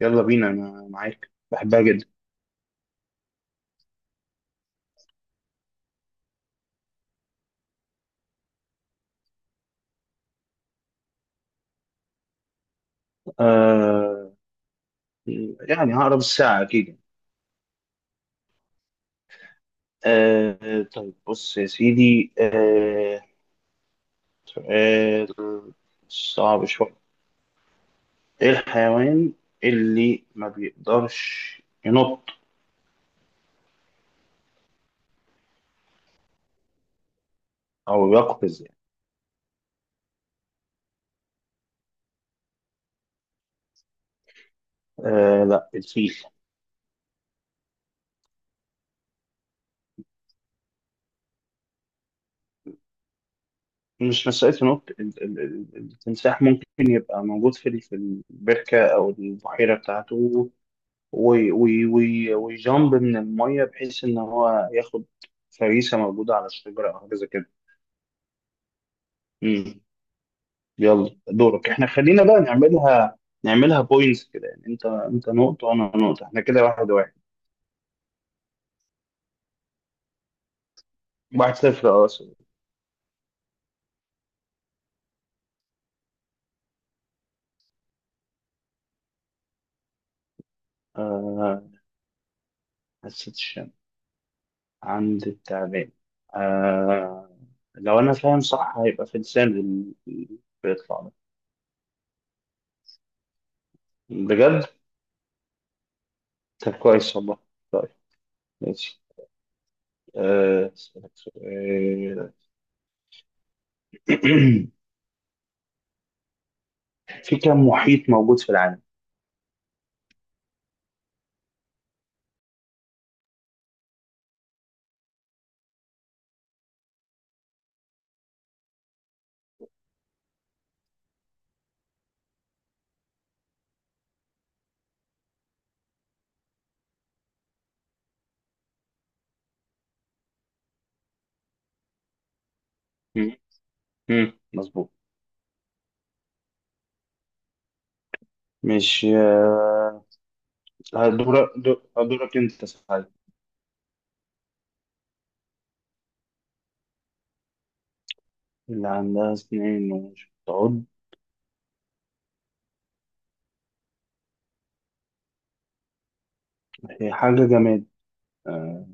يلا بينا، انا معاك، بحبها جدا. آه هقرب الساعة اكيد. طيب بص يا سيدي. سؤال صعب شوية. ايه الحيوان اللي ما بيقدرش ينط او يقفز يعني؟ لا، الفيل. مش مسألة ينط. التمساح ممكن يبقى موجود في البركة او البحيرة بتاعته، ويجامب من المية بحيث إن هو ياخد فريسة موجودة على الشجرة أو حاجة زي كده. مم. يلا دورك، إحنا خلينا بقى نعملها، نعملها بوينتس كده. يعني أنت نقطة وأنا نقطة، إحنا كده واحد واحد. واحد صفر، أه، سوري. آه، حسيت الشم عند التعبان. آه، لو أنا فاهم صح هيبقى في لسان بيطلع ده. بجد؟ طب كويس والله. طيب ماشي. أسألك سؤال. في كم محيط موجود في العالم؟ مم. مم. مظبوط. مش هدورك انت صحيح. اللي عندها سنين ومش بتعض، هي حاجة جماد؟ آه،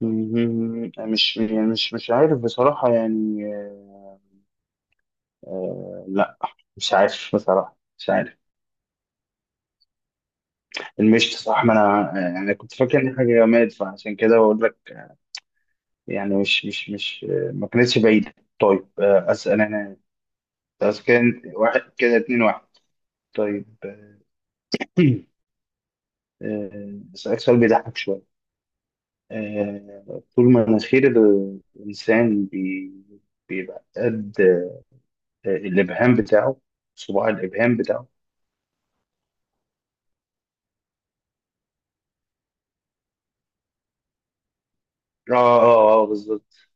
مش يعني مش عارف بصراحة يعني. لا، مش عارف بصراحة، مش عارف. المشط، صح، ما انا يعني كنت فاكر ان حاجة جماد فعشان كده بقول لك. يعني مش مش مش آه، ما كانتش بعيدة. طيب اسأل انا. بس كان واحد، كده اتنين واحد. طيب. أسألك سؤال بيضحك شوية. طول ما مناخير الإنسان بيبقى قد الإبهام بتاعه، صباع الإبهام بتاعه. آه آه بالظبط.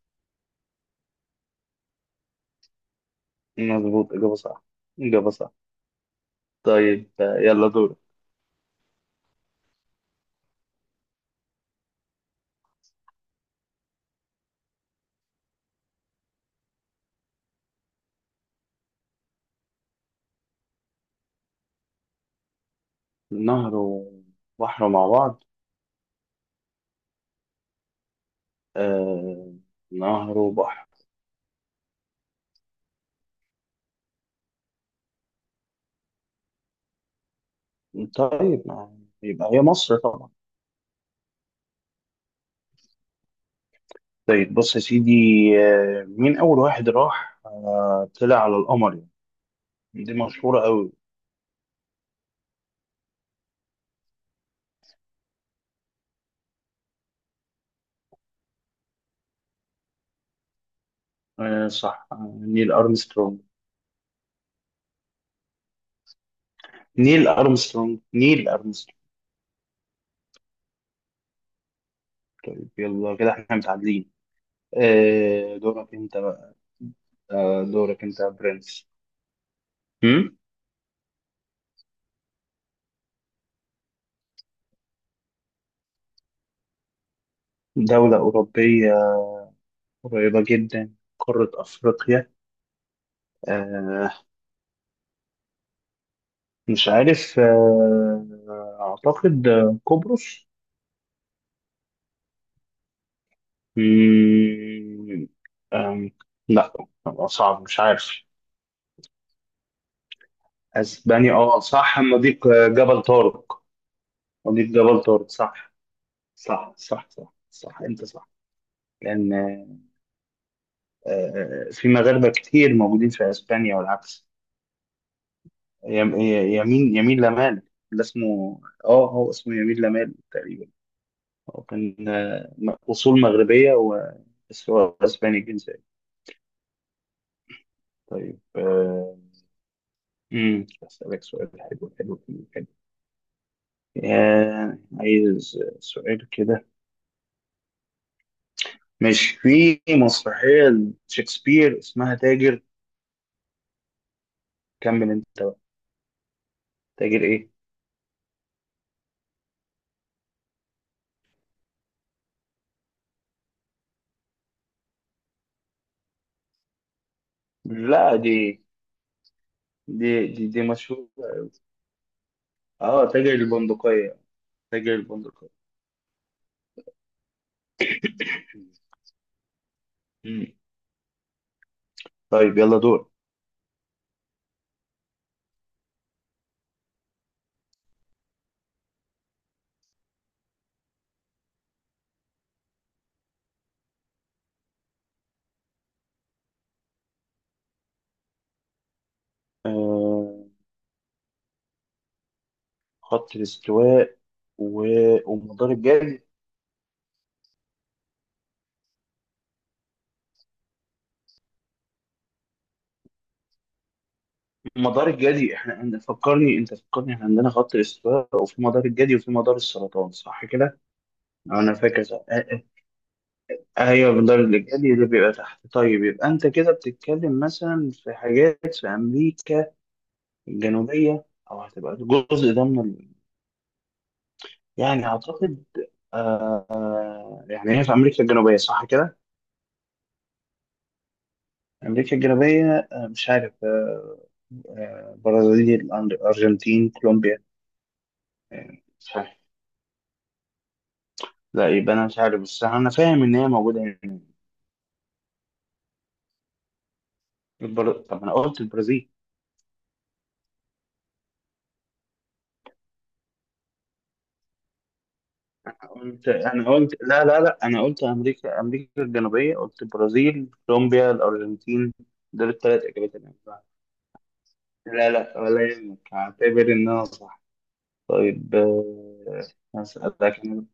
مظبوط، إجابة صح، إجابة صح. طيب يلا دورك. نهر وبحر مع بعض؟ آه، نهر وبحر. طيب يبقى هي مصر طبعا. طيب بص يا سيدي، مين أول واحد راح آه، طلع على القمر يعني؟ دي مشهورة أوي. نيل أرمسترونج، نيل أرمسترونج، نيل أرمسترونج. طيب يلا، كده احنا متعادلين. دورك انت بقى. دورك انت يا برنس. هم؟ دولة أوروبية، قريبة جدا، قارة أفريقيا. آه مش عارف. أعتقد قبرص. مم، آم، لا، صعب، مش عارف. أسبانيا، اه صح، مضيق جبل طارق. مضيق جبل طارق، صح. صح صح صح صح، انت صح. لان في مغاربه كتير موجودين في اسبانيا والعكس. يمين لمال، اللي اسمه هو اسمه يمين لمال تقريبا. هو كان اصول مغربيه بس هو اسباني الجنسيه. طيب امم، اسالك سؤال حلو. عايز سؤال كده. مش في مسرحيه شكسبير اسمها تاجر، كمل انت بقى، تاجر ايه؟ لا دي دي مشهورة أوي. اه، تاجر البندقية، تاجر البندقية. مم. طيب يلا دور. آه خط الاستواء ومدار الجدي. مدار الجدي، احنا فكرني انت، فكرني، احنا عندنا خط الاستواء وفي مدار الجدي وفي مدار السرطان، صح كده؟ انا فاكر صح. ايوه مدار الجدي اللي بيبقى تحت. طيب يبقى انت كده بتتكلم مثلا في حاجات في امريكا الجنوبية، او هتبقى الجزء ده من. يعني اعتقد. يعني هي في امريكا الجنوبيه صح كده. امريكا الجنوبيه، مش عارف. برازيل، ارجنتين، كولومبيا. مش عارف. لا يبقى انا مش عارف، بس انا فاهم ان هي موجوده هنا. طب انا قلت البرازيل. قلت، انا قلت، لا لا لا، انا قلت امريكا، امريكا الجنوبيه، قلت البرازيل، كولومبيا، الارجنتين. دول الثلاث اجابات اللي أنا بعرفها. لا لا، ولا يهمك، هعتبر ان انا صح. طيب هسألك أنا.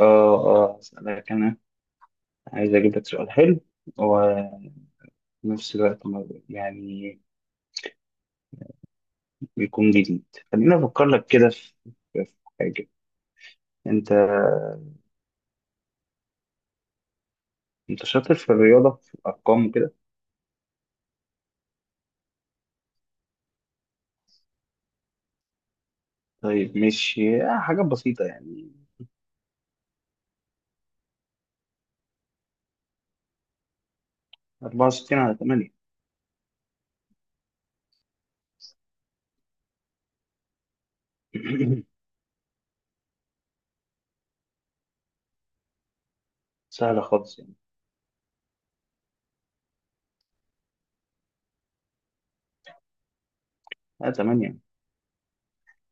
اه اسألك انا، عايز اجيب لك سؤال حلو، وفي نفس الوقت يعني بيكون جديد. خليني افكر لك كده في في حاجة. انت انت شاطر في الرياضة، في الارقام وكده. طيب ماشي، حاجة بسيطة يعني. 64 على 8؟ سهلة خالص يعني. لا، 8.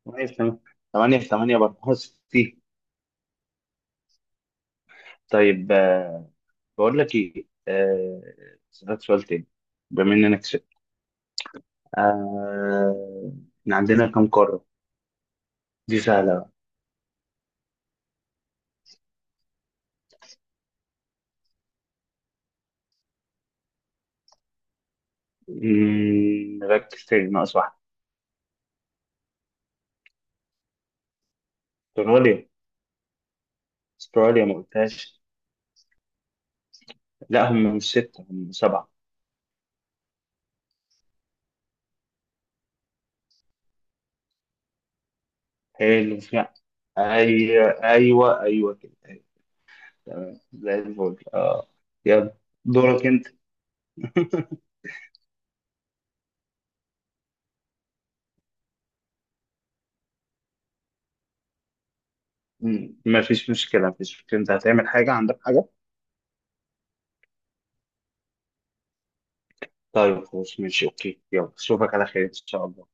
8 في 8. 8 في 8 ب 64. طيب بقول لك ايه، اسألك سؤال تاني، بما اننا كسبت. آه، إحنا عندنا كم قارة؟ دي سهلة. ركز تاني، ناقص واحدة. استراليا. استراليا ما قلتهاش. لا، هم مش ستة، هم سبعة. حلو. لا، أيوة أيوة أيوة كده، أيوة. تمام زي الفل، اه. يلا، دورك أنت. مفيش مشكلة، مفيش مشكلة. أنت هتعمل حاجة، عندك حاجة؟ طيب خلاص، ماشي، أوكي، يلا أشوفك على خير إن شاء الله.